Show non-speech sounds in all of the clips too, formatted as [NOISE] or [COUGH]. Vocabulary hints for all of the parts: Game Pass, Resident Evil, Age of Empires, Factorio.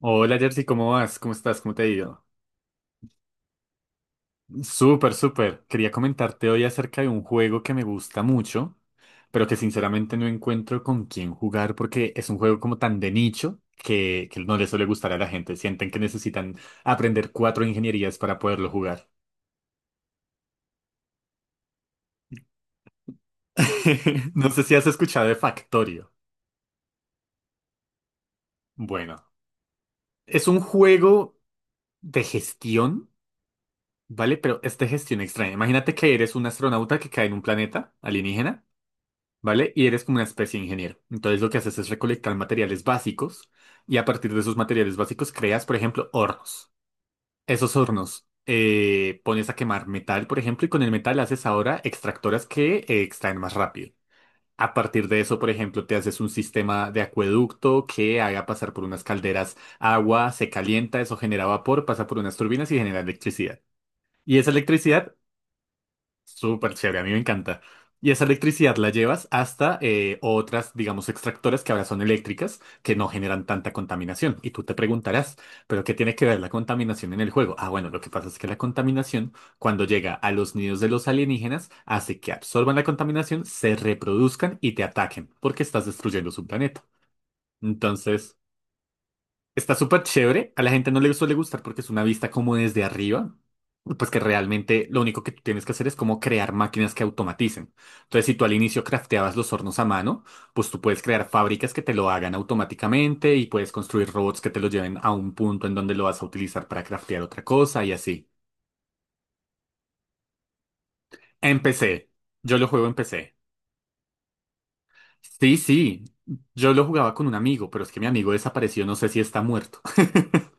Hola Jersey, ¿cómo vas? ¿Cómo estás? ¿Cómo te ha ido? Súper, súper. Quería comentarte hoy acerca de un juego que me gusta mucho, pero que sinceramente no encuentro con quién jugar porque es un juego como tan de nicho que no le suele gustar a la gente. Sienten que necesitan aprender cuatro ingenierías para poderlo jugar. [LAUGHS] No sé si has escuchado de Factorio. Bueno, es un juego de gestión, ¿vale? Pero es de gestión extraña. Imagínate que eres un astronauta que cae en un planeta alienígena. ¿Vale? Y eres como una especie de ingeniero. Entonces lo que haces es recolectar materiales básicos y a partir de esos materiales básicos creas, por ejemplo, hornos. Esos hornos pones a quemar metal, por ejemplo, y con el metal haces ahora extractoras que extraen más rápido. A partir de eso, por ejemplo, te haces un sistema de acueducto que haga pasar por unas calderas agua, se calienta, eso genera vapor, pasa por unas turbinas y genera electricidad. Y esa electricidad súper chévere, a mí me encanta. Y esa electricidad la llevas hasta otras, digamos, extractoras que ahora son eléctricas, que no generan tanta contaminación. Y tú te preguntarás, ¿pero qué tiene que ver la contaminación en el juego? Ah, bueno, lo que pasa es que la contaminación, cuando llega a los nidos de los alienígenas, hace que absorban la contaminación, se reproduzcan y te ataquen, porque estás destruyendo su planeta. Entonces, está súper chévere. A la gente no le suele gustar porque es una vista como desde arriba. Pues que realmente lo único que tú tienes que hacer es como crear máquinas que automaticen. Entonces, si tú al inicio crafteabas los hornos a mano, pues tú puedes crear fábricas que te lo hagan automáticamente y puedes construir robots que te lo lleven a un punto en donde lo vas a utilizar para craftear otra cosa y así. En PC. Yo lo juego en PC. Sí, sí. Yo lo jugaba con un amigo, pero es que mi amigo desapareció. No sé si está muerto. [LAUGHS]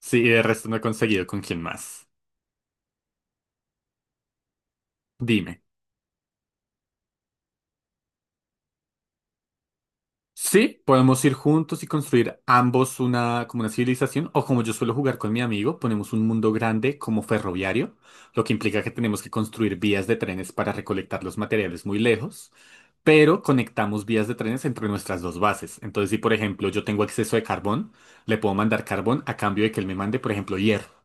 Sí, y de resto no he conseguido con quién más. Dime. Sí, podemos ir juntos y construir ambos una, como una civilización, o como yo suelo jugar con mi amigo, ponemos un mundo grande como ferroviario, lo que implica que tenemos que construir vías de trenes para recolectar los materiales muy lejos, pero conectamos vías de trenes entre nuestras dos bases. Entonces, si por ejemplo yo tengo exceso de carbón, le puedo mandar carbón a cambio de que él me mande, por ejemplo, hierro.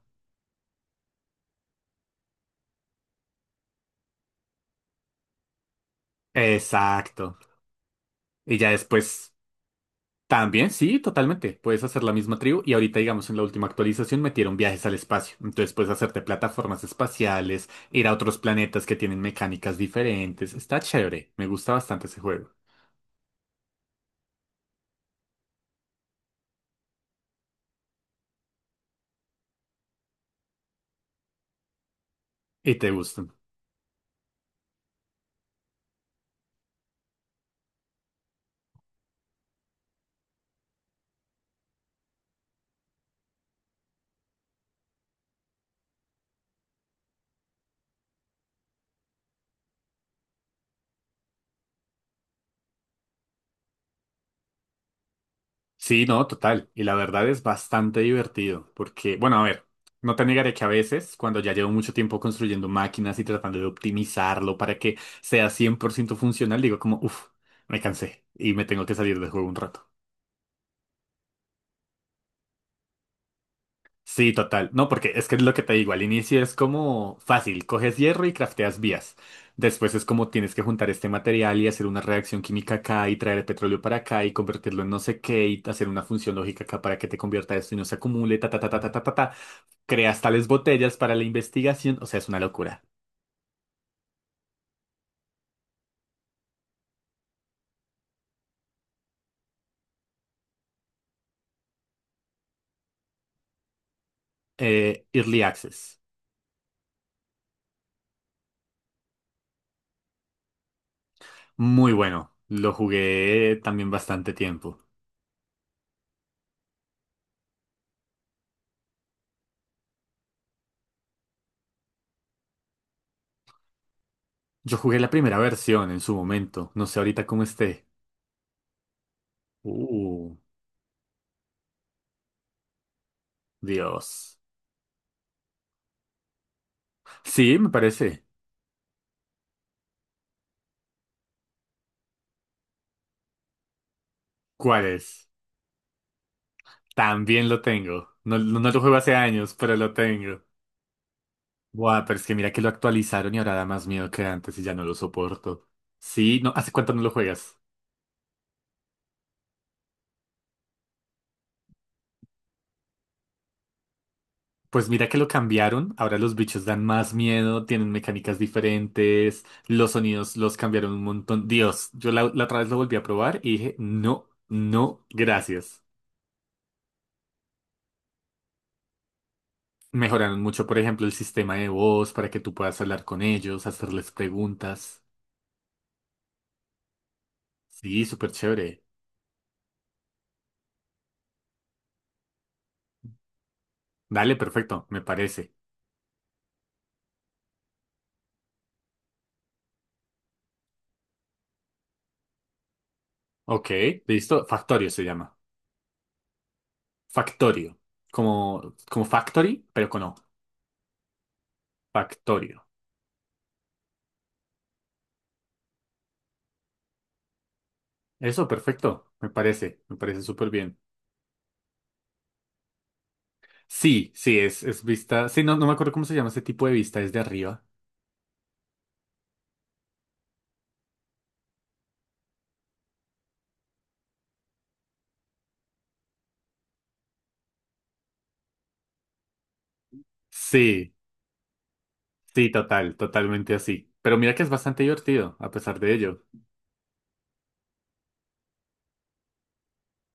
Exacto. Y ya después también, sí, totalmente. Puedes hacer la misma tribu y ahorita, digamos, en la última actualización metieron viajes al espacio. Entonces puedes hacerte plataformas espaciales, ir a otros planetas que tienen mecánicas diferentes. Está chévere. Me gusta bastante ese juego. Y te gustan. Sí, no, total. Y la verdad es bastante divertido porque, bueno, a ver, no te negaré que a veces, cuando ya llevo mucho tiempo construyendo máquinas y tratando de optimizarlo para que sea 100% funcional, digo como, uff, me cansé y me tengo que salir del juego un rato. Sí, total. No, porque es que es lo que te digo, al inicio es como fácil, coges hierro y crafteas vías. Después es como tienes que juntar este material y hacer una reacción química acá y traer el petróleo para acá y convertirlo en no sé qué y hacer una función lógica acá para que te convierta esto y no se acumule, ta, ta, ta, ta, ta, ta, ta, ta. Creas tales botellas para la investigación, o sea, es una locura. Early Access, muy bueno. Lo jugué también bastante tiempo. Yo jugué la primera versión en su momento, no sé ahorita cómo esté. Uh, Dios. Sí, me parece. ¿Cuál es? También lo tengo. No, no, lo juego hace años, pero lo tengo. Buah, pero es que mira que lo actualizaron y ahora da más miedo que antes y ya no lo soporto. Sí, no, ¿hace cuánto no lo juegas? Pues mira que lo cambiaron, ahora los bichos dan más miedo, tienen mecánicas diferentes, los sonidos los cambiaron un montón. Dios, yo la otra vez lo volví a probar y dije, no, no, gracias. Mejoraron mucho, por ejemplo, el sistema de voz para que tú puedas hablar con ellos, hacerles preguntas. Sí, súper chévere. Dale, perfecto, me parece. Ok, listo. Factorio se llama. Factorio. Como, como factory, pero con O. Factorio. Eso, perfecto. Me parece súper bien. Sí, sí, es vista. Sí, no, no me acuerdo cómo se llama ese tipo de vista, es de arriba. Sí, sí, total, totalmente así. Pero mira que es bastante divertido, a pesar de ello.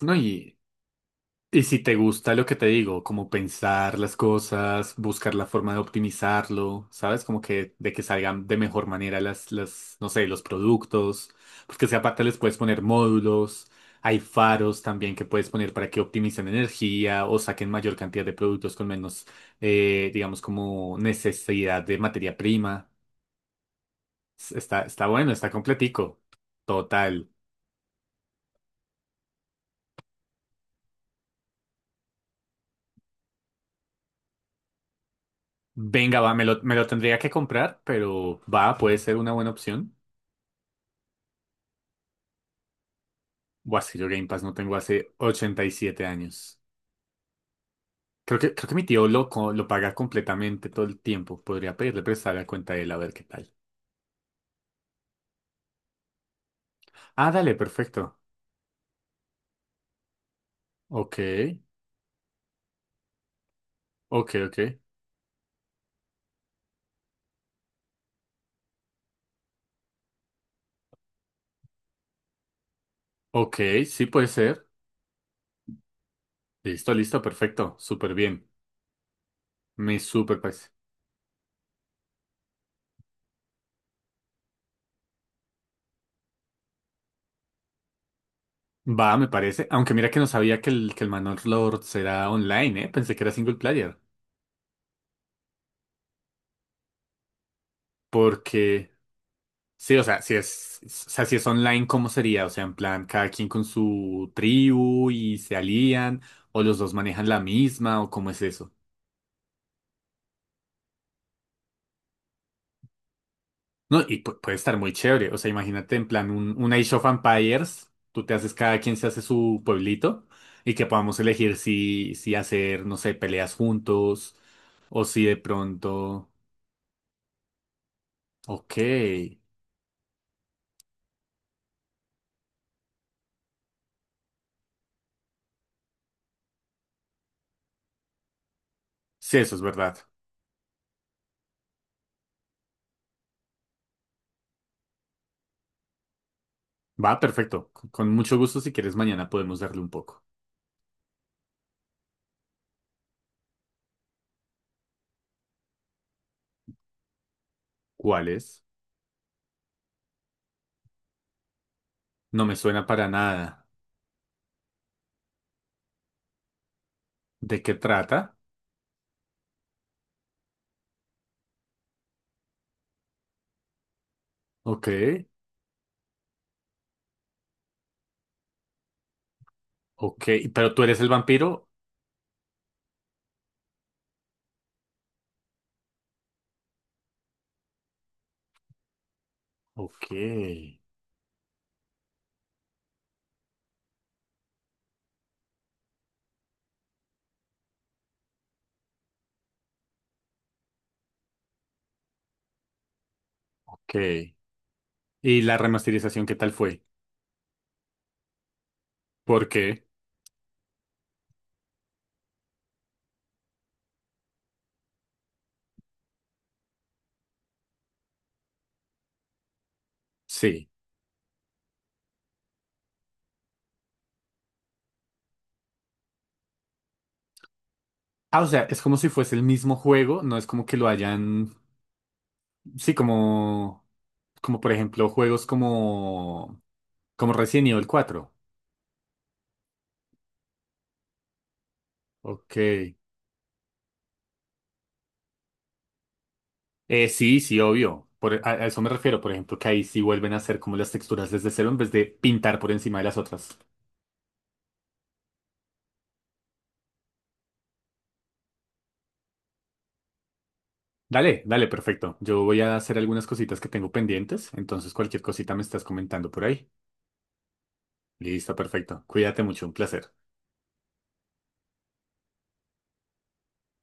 No, y si te gusta lo que te digo, como pensar las cosas, buscar la forma de optimizarlo, ¿sabes? Como que de que salgan de mejor manera no sé, los productos, porque si aparte les puedes poner módulos, hay faros también que puedes poner para que optimicen energía o saquen mayor cantidad de productos con menos, digamos, como necesidad de materia prima. S- está, está bueno, está completico. Total. Venga, va, me lo tendría que comprar, pero va, puede ser una buena opción. Buah, es que yo Game Pass no tengo hace ochenta y siete años. Creo que mi tío lo, co- lo paga completamente todo el tiempo. Podría pedirle prestar la cuenta de él a ver qué tal. Ah, dale, perfecto. Ok, ok, ok. Ok, sí puede ser. Listo, listo, perfecto. Súper bien. Me súper parece. Va, me parece. Aunque mira que no sabía que el Manor Lord era online, ¿eh? Pensé que era single player. Porque... Sí, o sea, si es online, ¿cómo sería? O sea, en plan, cada quien con su tribu y se alían, o los dos manejan la misma, o cómo es eso. No, y pu- puede estar muy chévere. O sea, imagínate en plan un Age of Empires, tú te haces, cada quien se hace su pueblito, y que podamos elegir si, si hacer, no sé, peleas juntos, o si de pronto. Ok. Sí, eso es verdad. Va, perfecto. Con mucho gusto, si quieres, mañana podemos darle un poco. ¿Cuál es? No me suena para nada. ¿De qué trata? Ok, ok. Pero tú eres el vampiro. Ok, ok. ¿Y la remasterización qué tal fue? ¿Por qué? Sí. Ah, o sea, es como si fuese el mismo juego, no es como que lo hayan. Sí, como. Como por ejemplo, juegos como. Como Resident Evil 4, ok. Sí, sí, obvio. Por, a eso me refiero, por ejemplo, que ahí sí vuelven a hacer como las texturas desde cero en vez de pintar por encima de las otras. Dale, dale, perfecto. Yo voy a hacer algunas cositas que tengo pendientes, entonces cualquier cosita me estás comentando por ahí. Listo, perfecto. Cuídate mucho, un placer.